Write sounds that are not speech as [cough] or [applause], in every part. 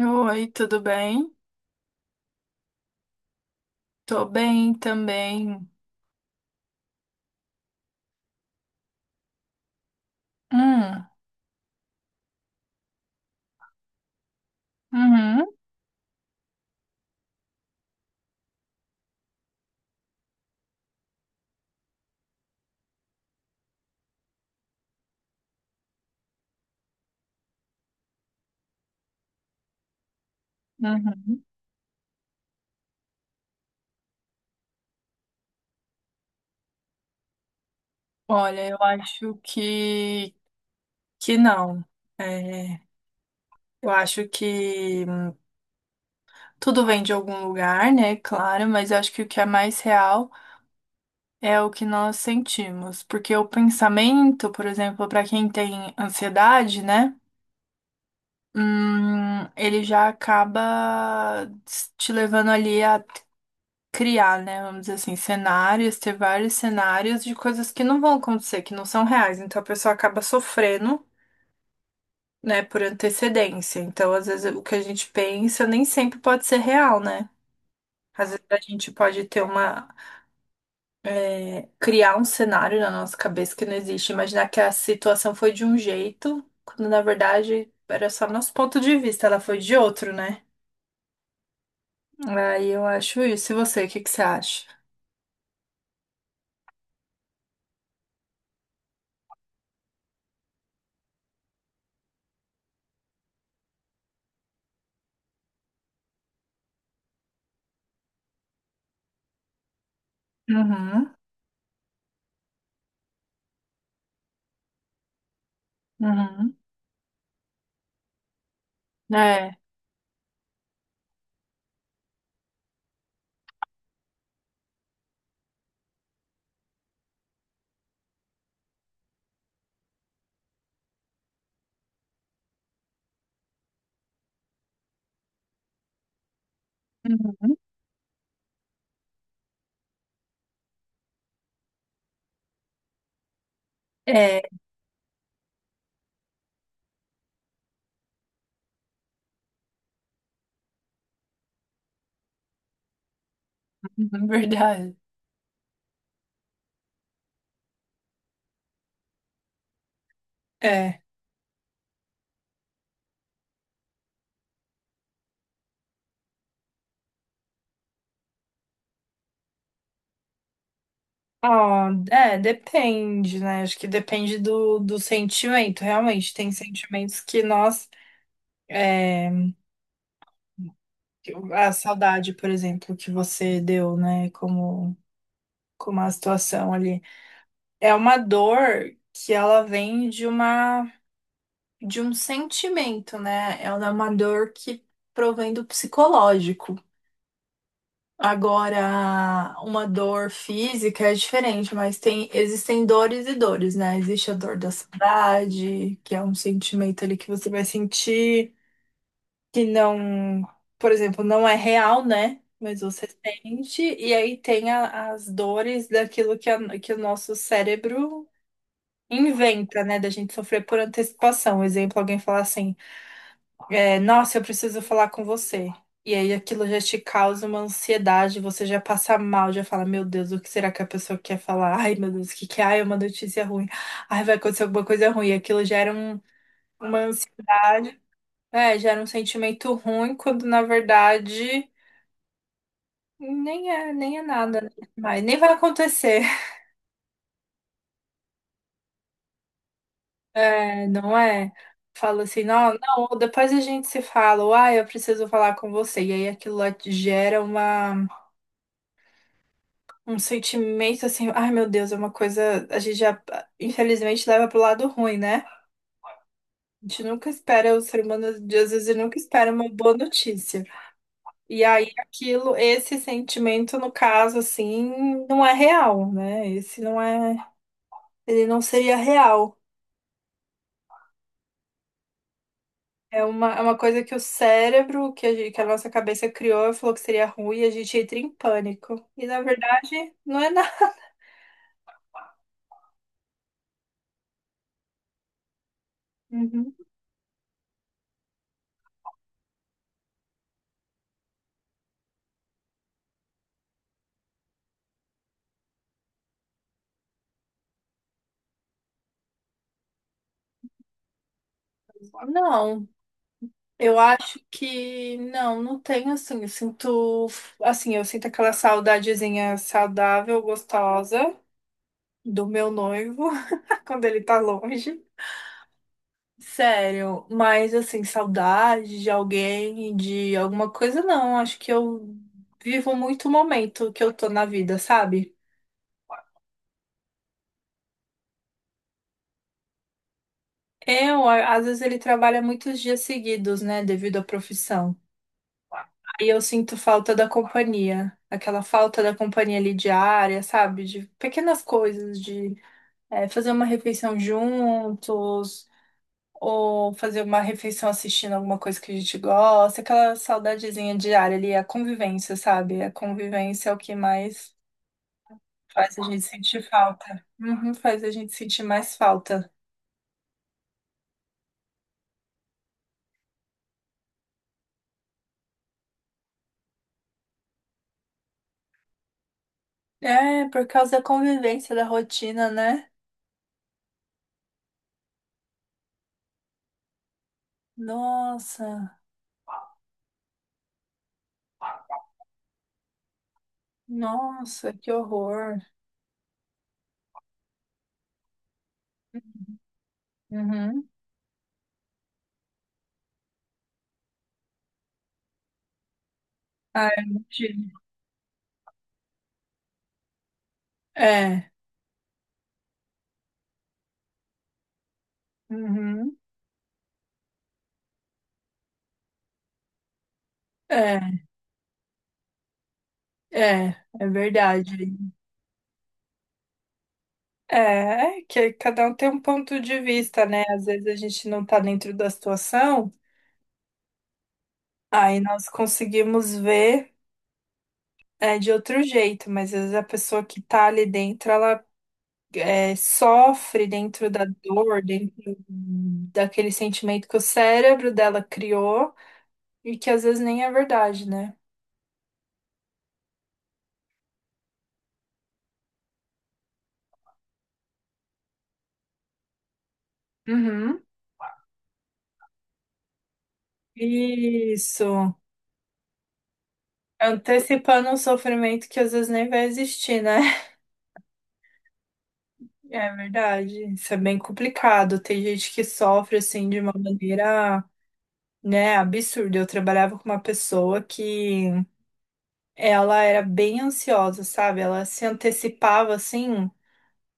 Oi, tudo bem? Tô bem também. Hum, uhum, uhum. Olha, eu acho que não. É, eu acho que tudo vem de algum lugar, né? Claro, mas eu acho que o que é mais real é o que nós sentimos, porque o pensamento, por exemplo, para quem tem ansiedade, né? Ele já acaba te levando ali a criar, né? Vamos dizer assim, cenários, ter vários cenários de coisas que não vão acontecer, que não são reais. Então a pessoa acaba sofrendo, né, por antecedência. Então, às vezes, o que a gente pensa nem sempre pode ser real, né? Às vezes a gente pode ter uma, criar um cenário na nossa cabeça que não existe, imaginar que a situação foi de um jeito, quando na verdade era só nosso ponto de vista, ela foi de outro, né? Aí eu acho isso. E você, o que que você acha? Uhum, uhum. É. Uhum. É. [laughs] Uhum, verdade. É. Ah, é, depende, né? Acho que depende do, do sentimento, realmente. Tem sentimentos que nós. é, a saudade, por exemplo, que você deu, né? Como, como a situação ali. É uma dor que ela vem de uma, de um sentimento, né? Ela é uma dor que provém do psicológico. Agora, uma dor física é diferente, mas tem, existem dores e dores, né? Existe a dor da saudade, que é um sentimento ali que você vai sentir, que não, por exemplo, não é real, né? Mas você sente, e aí tem as dores daquilo que, que o nosso cérebro inventa, né? Da gente sofrer por antecipação. Exemplo, alguém falar assim. É, nossa, eu preciso falar com você. E aí aquilo já te causa uma ansiedade, você já passa mal, já fala, meu Deus, o que será que a pessoa quer falar? Ai, meu Deus, o que que é? Ai, é uma notícia ruim. Ai, vai acontecer alguma coisa ruim. E aquilo gera uma ansiedade, gera um sentimento ruim, quando na verdade nem é, nem é nada, né? Mas nem vai acontecer. É, não é? Fala assim, não, não, depois a gente se fala, ou, ai, eu preciso falar com você. E aí aquilo lá te gera uma. Um sentimento assim, ai meu Deus, é uma coisa. A gente já, infelizmente, leva pro lado ruim, né? A gente nunca espera, o ser humano, às vezes, ele nunca espera uma boa notícia. E aí, aquilo, esse sentimento, no caso, assim, não é real, né? Esse não é. Ele não seria real. É uma coisa que o cérebro, que a, gente- que a nossa cabeça criou, e falou que seria ruim e a gente entra em pânico. E na verdade, não é nada. Uhum. Não. Eu acho que não, não tenho assim. Eu sinto, assim, eu sinto aquela saudadezinha saudável, gostosa do meu noivo [laughs] quando ele tá longe. Sério, mas assim, saudade de alguém, de alguma coisa, não. Acho que eu vivo muito o momento que eu tô na vida, sabe? Eu, a- às vezes ele trabalha muitos dias seguidos, né, devido à profissão. E eu sinto falta da companhia, aquela falta da companhia ali diária, sabe? De pequenas coisas, de fazer uma refeição juntos, ou fazer uma refeição assistindo alguma coisa que a gente gosta, aquela saudadezinha diária ali, a convivência, sabe? A convivência é o que mais faz a gente sentir falta. Uhum, faz a gente sentir mais falta. É, por causa da convivência, da rotina, né? Nossa, nossa, que horror. Uhum. Ah, eu não tive. É. Uhum. É, é, é verdade. É, é que cada um tem um ponto de vista, né? Às vezes a gente não tá dentro da situação, aí nós conseguimos ver é, de outro jeito, mas às vezes a pessoa que tá ali dentro, ela é, sofre dentro da dor, dentro daquele sentimento que o cérebro dela criou e que às vezes nem é verdade, né? Uhum. Isso. Antecipando um sofrimento que às vezes nem vai existir, né? [laughs] É verdade. Isso é bem complicado. Tem gente que sofre assim de uma maneira, né, absurda. Eu trabalhava com uma pessoa que ela era bem ansiosa, sabe? Ela se antecipava assim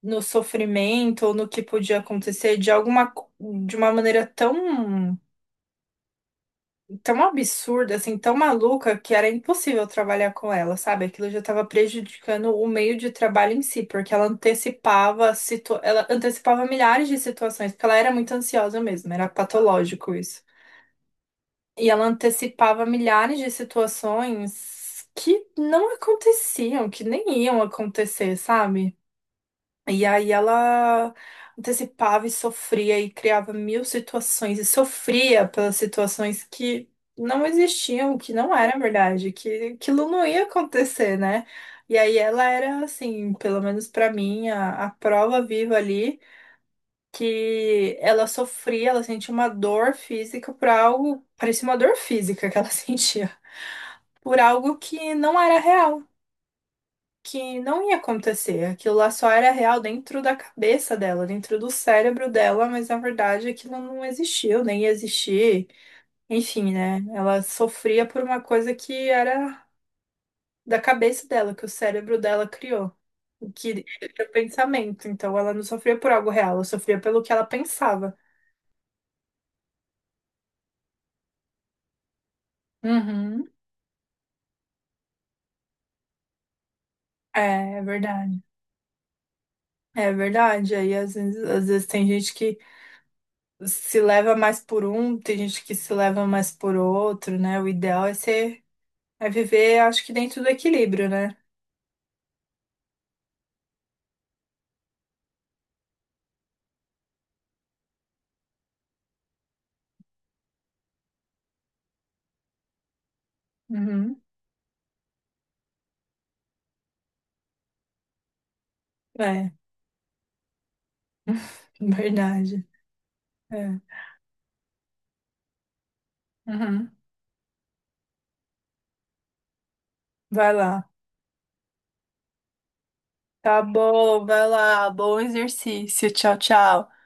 no sofrimento ou no que podia acontecer de alguma de uma maneira tão tão absurda, assim, tão maluca, que era impossível trabalhar com ela, sabe? Aquilo já estava prejudicando o meio de trabalho em si, porque ela antecipava, ela antecipava milhares de situações, porque ela era muito ansiosa mesmo, era patológico isso. E ela antecipava milhares de situações que não aconteciam, que nem iam acontecer, sabe? E aí ela antecipava e sofria e criava mil situações e sofria pelas situações que não existiam, que não era verdade, que aquilo não ia acontecer, né? E aí ela era assim, pelo menos pra mim, a prova viva ali que ela sofria, ela sentia uma dor física por algo, parecia uma dor física que ela [laughs] sentia, por algo que não era real que não ia acontecer. Aquilo lá só era real dentro da cabeça dela, dentro do cérebro dela, mas na verdade aquilo não existiu, nem ia existir. Enfim, né? Ela sofria por uma coisa que era da cabeça dela, que o cérebro dela criou. O que era o pensamento. Então ela não sofria por algo real, ela sofria pelo que ela pensava. Uhum. É, é verdade. É verdade. Aí às vezes tem gente que se leva mais por um, tem gente que se leva mais por outro, né? O ideal é ser É viver, acho que dentro do equilíbrio, né? Uhum. É, [laughs] verdade. É. Uhum. Vai lá. Tá bom, vai lá. Bom exercício. Tchau, tchau.